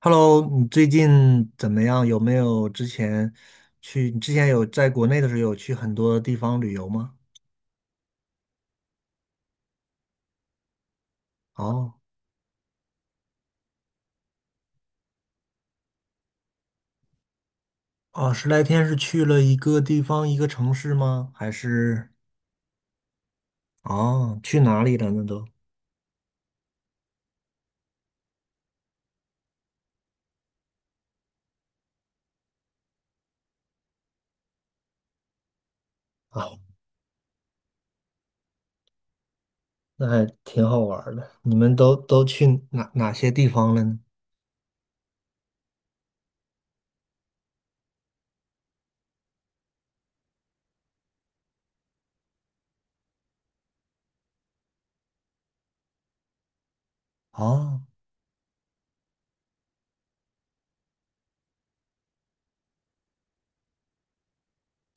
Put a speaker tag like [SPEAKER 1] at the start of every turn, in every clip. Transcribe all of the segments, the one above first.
[SPEAKER 1] Hello，你最近怎么样？有没有之前去？你之前有在国内的时候有去很多地方旅游吗？哦。哦，十来天是去了一个地方，一个城市吗？还是？哦，去哪里了，那都。哦，那还挺好玩儿的。你们都去哪些地方了呢？哦，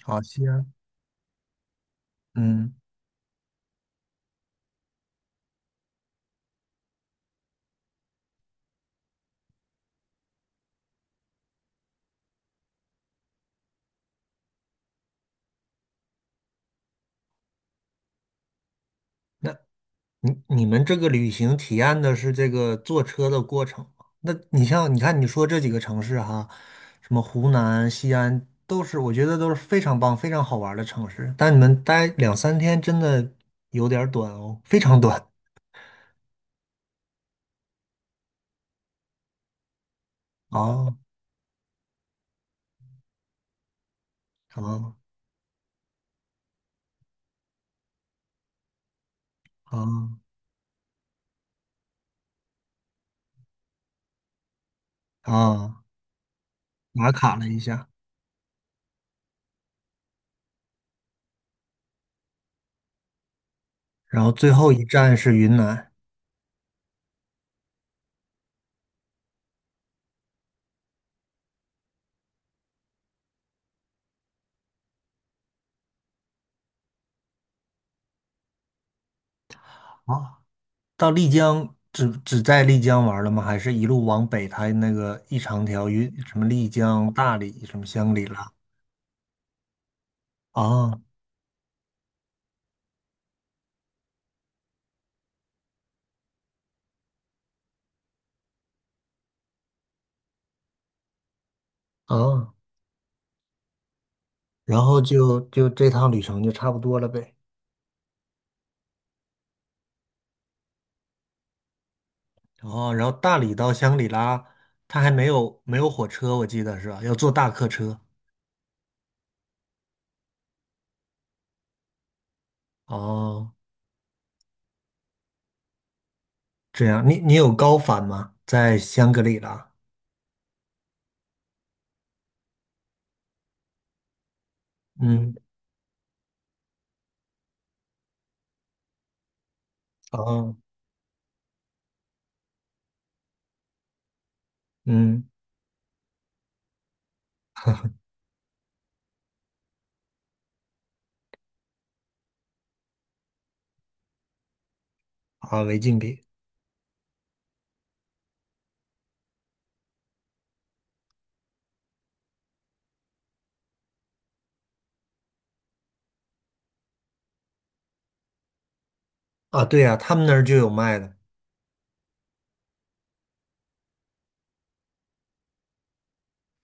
[SPEAKER 1] 好，西安。嗯。那你们这个旅行体验的是这个坐车的过程吗？那你像你看你说这几个城市哈，什么湖南、西安，都是我觉得都是非常棒、非常好玩儿的城市。但你们待两三天真的有点儿短哦，非常短。啊啊啊啊！打卡了一下。然后最后一站是云南。啊，到丽江只在丽江玩儿了吗？还是一路往北，它那个一长条云什么丽江、大理、什么香格里拉？哦哦。然后就这趟旅程就差不多了呗。哦，然后大理到香格里拉，它还没有火车，我记得是吧？要坐大客车。哦，这样。你有高反吗？在香格里拉？嗯。哦。嗯。啊，违禁品。啊，对呀，他们那儿就有卖的。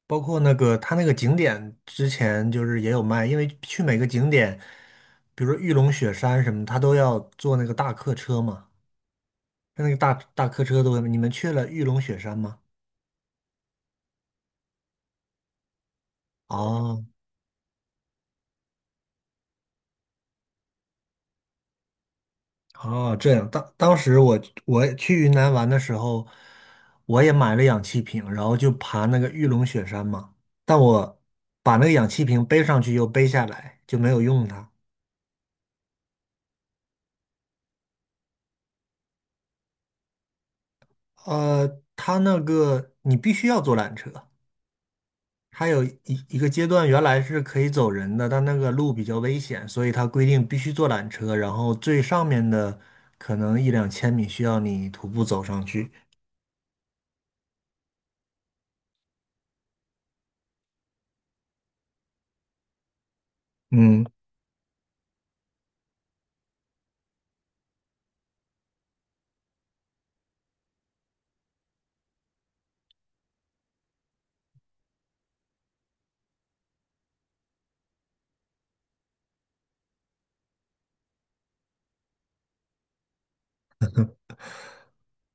[SPEAKER 1] 包括那个他那个景点之前就是也有卖，因为去每个景点，比如说玉龙雪山什么，他都要坐那个大客车嘛。那个大客车都，会，你们去了玉龙雪山吗？哦哦，这样。当时我去云南玩的时候，我也买了氧气瓶，然后就爬那个玉龙雪山嘛。但我把那个氧气瓶背上去又背下来，就没有用它。它那个你必须要坐缆车。它有一个阶段原来是可以走人的，但那个路比较危险，所以它规定必须坐缆车，然后最上面的可能一两千米需要你徒步走上去。嗯。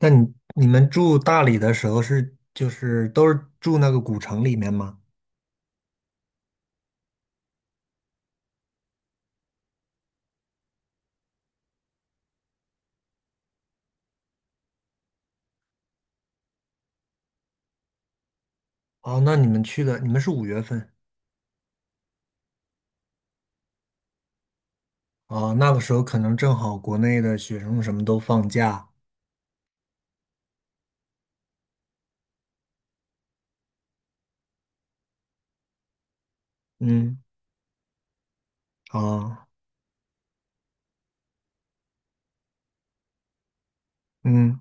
[SPEAKER 1] 那你们住大理的时候是就是都是住那个古城里面吗？哦，那你们去的你们是五月份？啊？那个时候可能正好国内的学生什么都放假。嗯。啊。嗯。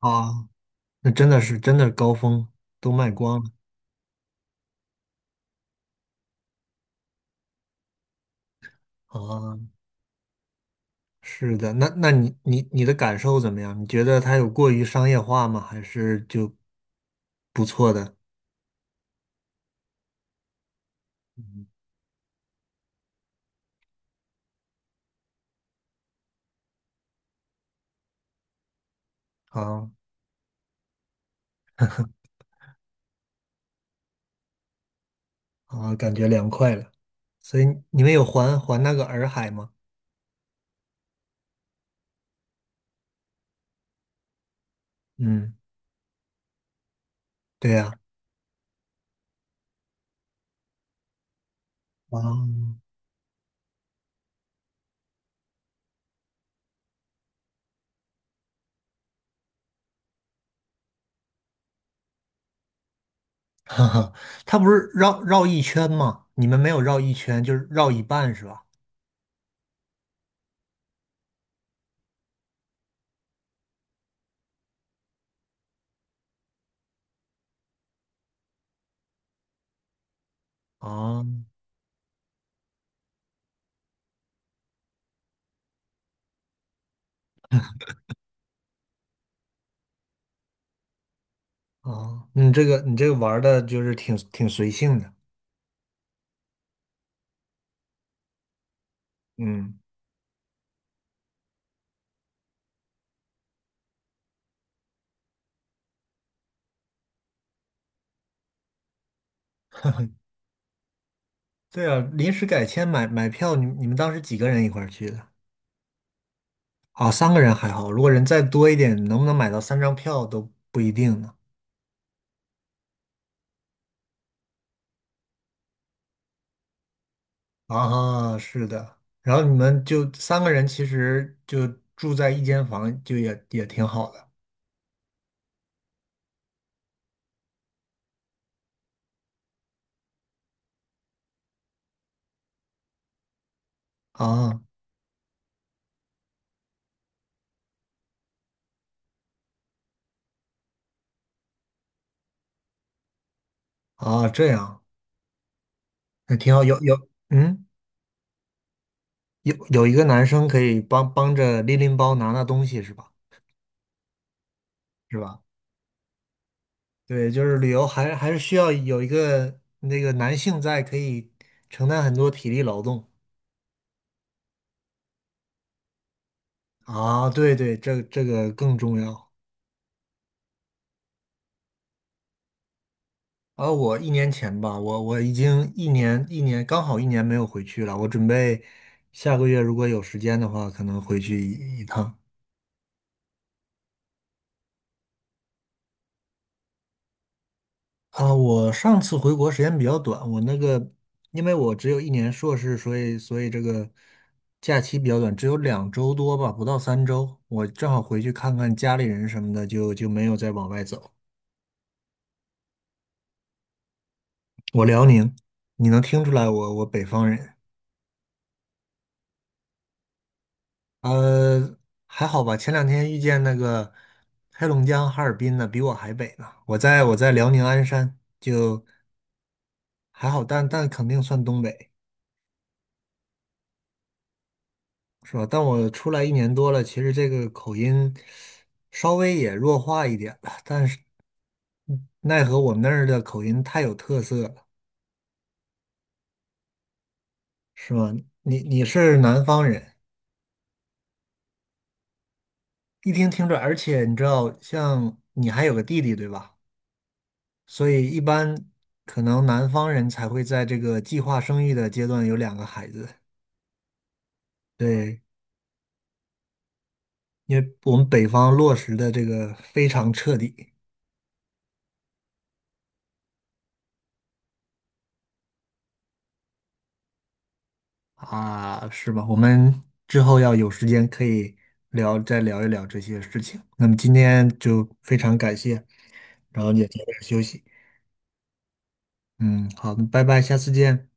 [SPEAKER 1] 啊，那真的是真的高峰都卖光了。啊！是的。那你的感受怎么样？你觉得它有过于商业化吗？还是就不错的？啊、啊，感觉凉快了。所以你们有环那个洱海吗？嗯，对呀，啊。哈哈，它不是绕一圈吗？你们没有绕一圈，就是绕一半是吧？啊啊。你这个玩的就是挺随性的。嗯，对啊，临时改签买票，你们当时几个人一块儿去的？啊，三个人还好，如果人再多一点，能不能买到3张票都不一定呢。啊，是的。然后你们就三个人，其实就住在一间房，就也挺好的。啊啊，这样。那挺好。有有嗯，有有一个男生可以帮帮着拎拎包、拿拿东西，是吧？是吧？对，就是旅游还是需要有一个那个男性在，可以承担很多体力劳动。啊。对对，这个更重要。啊，我1年前吧，我已经一年一年刚好一年没有回去了。我准备下个月如果有时间的话，可能回去一趟。啊，我上次回国时间比较短，我那个因为我只有一年硕士，所以这个假期比较短，只有2周多吧，不到3周。我正好回去看看家里人什么的，就没有再往外走。我辽宁，你能听出来我北方人。呃，还好吧。前两天遇见那个黑龙江哈尔滨的，比我还北呢。我在辽宁鞍山，就还好，但肯定算东北，是吧？但我出来一年多了，其实这个口音稍微也弱化一点了，但是奈何我们那儿的口音太有特色了，是吧？你是南方人，一听听着，而且你知道，像你还有个弟弟，对吧？所以一般可能南方人才会在这个计划生育的阶段有2个孩子。对，因为我们北方落实的这个非常彻底。啊，是吧？我们之后要有时间可以聊，再聊一聊这些事情。那么今天就非常感谢，然后也早点休息。嗯，好的，拜拜，下次见。